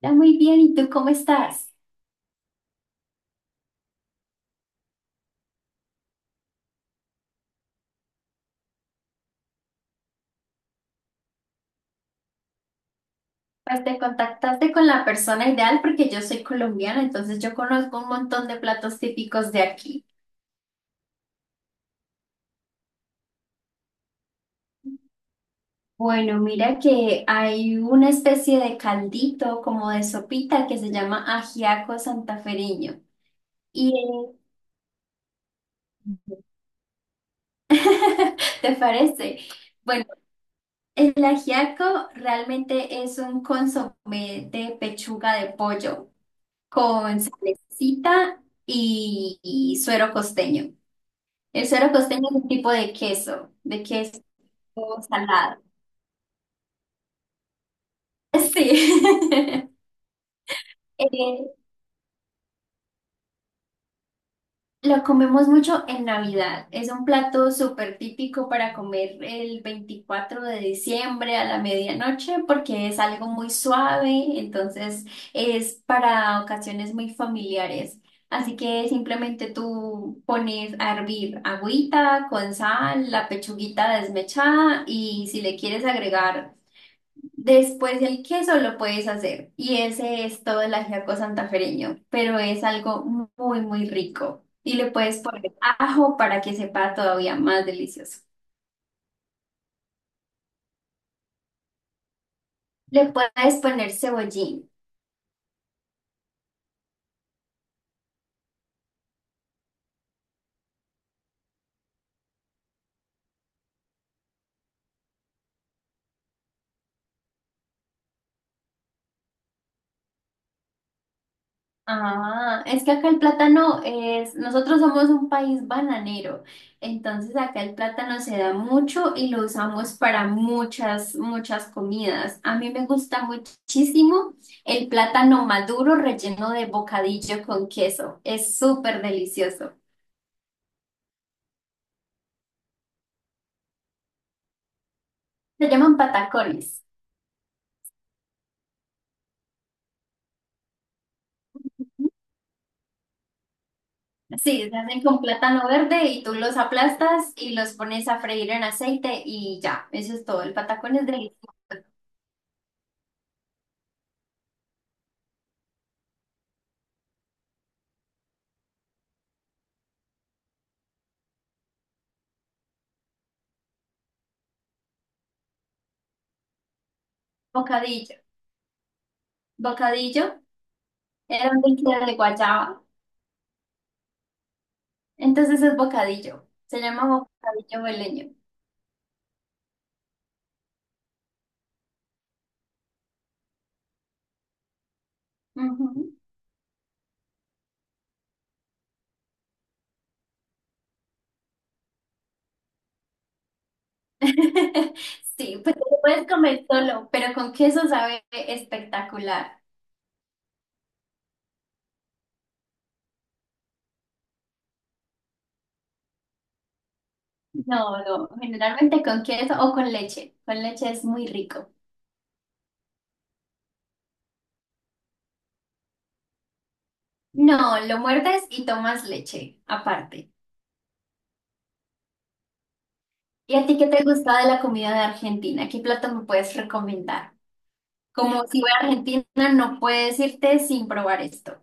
Está muy bien, ¿y tú cómo estás? Pues te contactaste con la persona ideal porque yo soy colombiana, entonces yo conozco un montón de platos típicos de aquí. Bueno, mira que hay una especie de caldito, como de sopita, que se llama ajiaco santafereño. Y ¿Te parece? Bueno, el ajiaco realmente es un consomé de pechuga de pollo con salecita y suero costeño. El suero costeño es un tipo de queso salado. Sí. Eh, lo comemos mucho en Navidad. Es un plato súper típico para comer el 24 de diciembre a la medianoche porque es algo muy suave, entonces es para ocasiones muy familiares. Así que simplemente tú pones a hervir agüita con sal, la pechuguita desmechada y si le quieres agregar. Después del queso lo puedes hacer y ese es todo el ajiaco santafereño, pero es algo muy, muy rico y le puedes poner ajo para que sepa todavía más delicioso. Le puedes poner cebollín. Ah, es que acá el plátano es, nosotros somos un país bananero, entonces acá el plátano se da mucho y lo usamos para muchas, muchas comidas. A mí me gusta muchísimo el plátano maduro relleno de bocadillo con queso, es súper delicioso. Se llaman patacones. Sí, se hacen con plátano verde y tú los aplastas y los pones a freír en aceite y ya, eso es todo. El patacón es delicioso. Bocadillo. Bocadillo. Era un dulce de guayaba. Entonces es bocadillo. Se llama bocadillo boleño. Ujú. Sí, pues te lo puedes comer solo, pero con queso sabe espectacular. No, no, generalmente con queso o con leche. Con leche es muy rico. No, lo muerdes y tomas leche aparte. ¿Y a ti qué te gusta de la comida de Argentina? ¿Qué plato me puedes recomendar? Como si voy a Argentina, no puedes irte sin probar esto.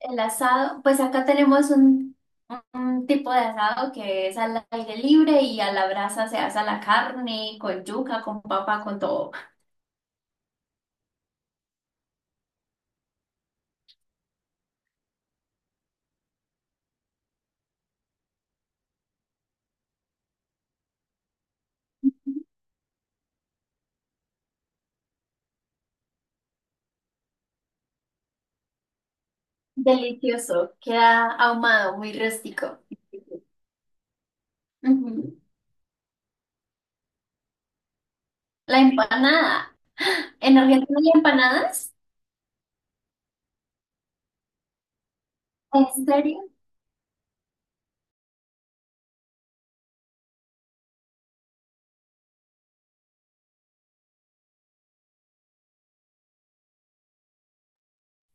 El asado, pues acá tenemos un tipo de asado que es al aire libre y a la brasa se asa la carne con yuca, con papa, con todo. Delicioso, queda ahumado, muy rústico. Ujú. La empanada. ¿En Argentina hay empanadas? ¿En serio?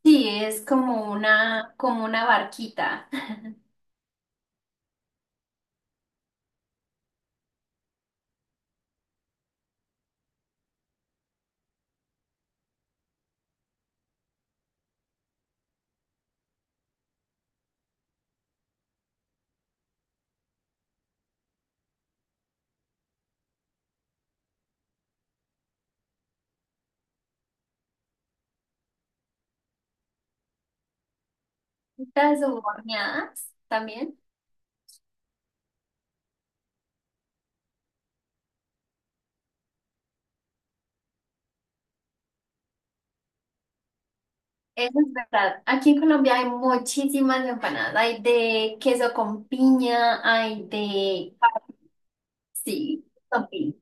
Sí, es como una barquita. Estas horneadas también. Eso es verdad. Aquí en Colombia hay muchísimas empanadas. Hay de queso con piña, hay de... Sí, con piña.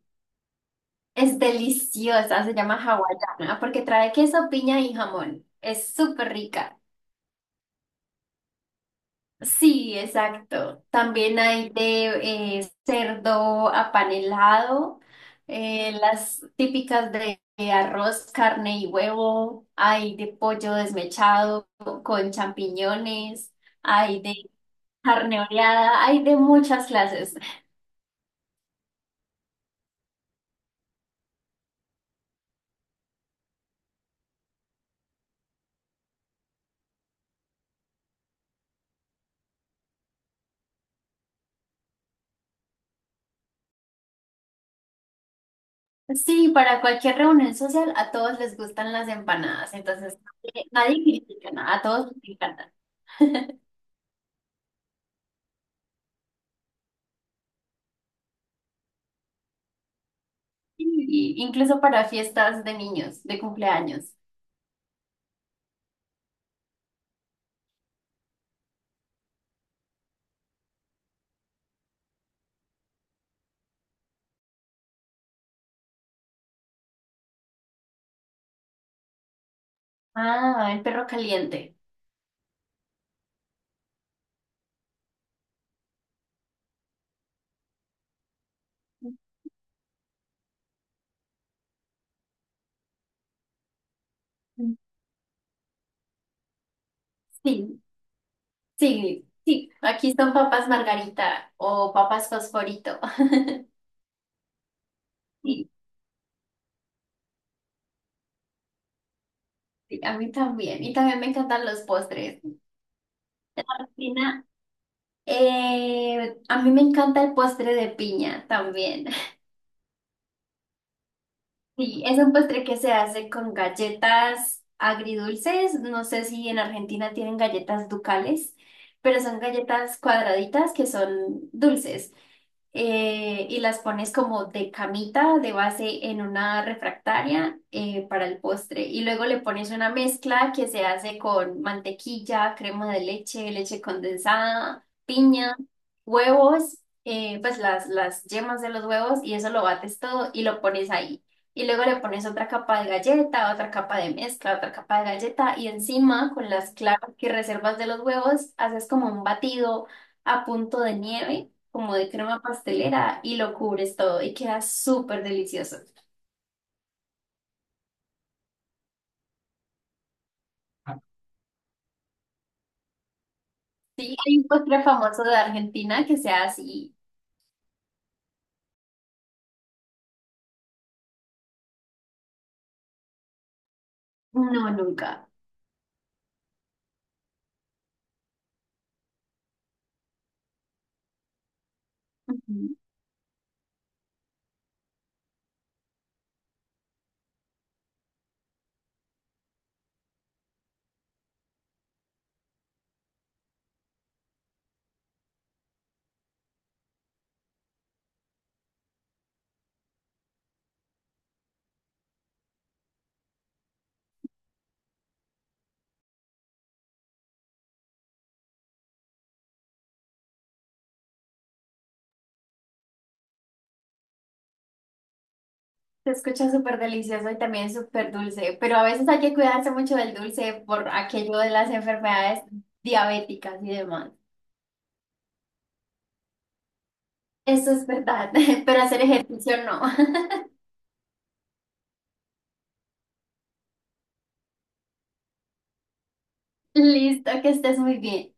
Es deliciosa, se llama hawaiana, porque trae queso, piña y jamón. Es súper rica. Sí, exacto. También hay de cerdo apanelado, las típicas de arroz, carne y huevo. Hay de pollo desmechado con champiñones. Hay de carne oreada, hay de muchas clases. Sí, para cualquier reunión social a todos les gustan las empanadas, entonces nadie, nadie critica nada, a todos les encantan. Y incluso para fiestas de niños, de cumpleaños. Ah, el perro caliente. Sí, sí, sí. Aquí son papas margarita o papas fosforito. Sí, sí, a mí también. Y también me encantan los postres. Cristina, a mí me encanta el postre de piña también. Sí, es un postre que se hace con galletas agridulces. No sé si en Argentina tienen galletas ducales, pero son galletas cuadraditas que son dulces. Y las pones como de camita, de base en una refractaria para el postre. Y luego le pones una mezcla que se hace con mantequilla, crema de leche, leche condensada, piña, huevos, pues las yemas de los huevos y eso lo bates todo y lo pones ahí. Y luego le pones otra capa de galleta, otra capa de mezcla, otra capa de galleta y encima con las claras que reservas de los huevos haces como un batido a punto de nieve, como de crema pastelera y lo cubres todo y queda súper delicioso. Hay un postre famoso de Argentina que sea así, no, nunca. Ujú. Se escucha súper delicioso y también súper dulce, pero a veces hay que cuidarse mucho del dulce por aquello de las enfermedades diabéticas y demás. Eso es verdad, pero hacer ejercicio no. Listo, que estés muy bien.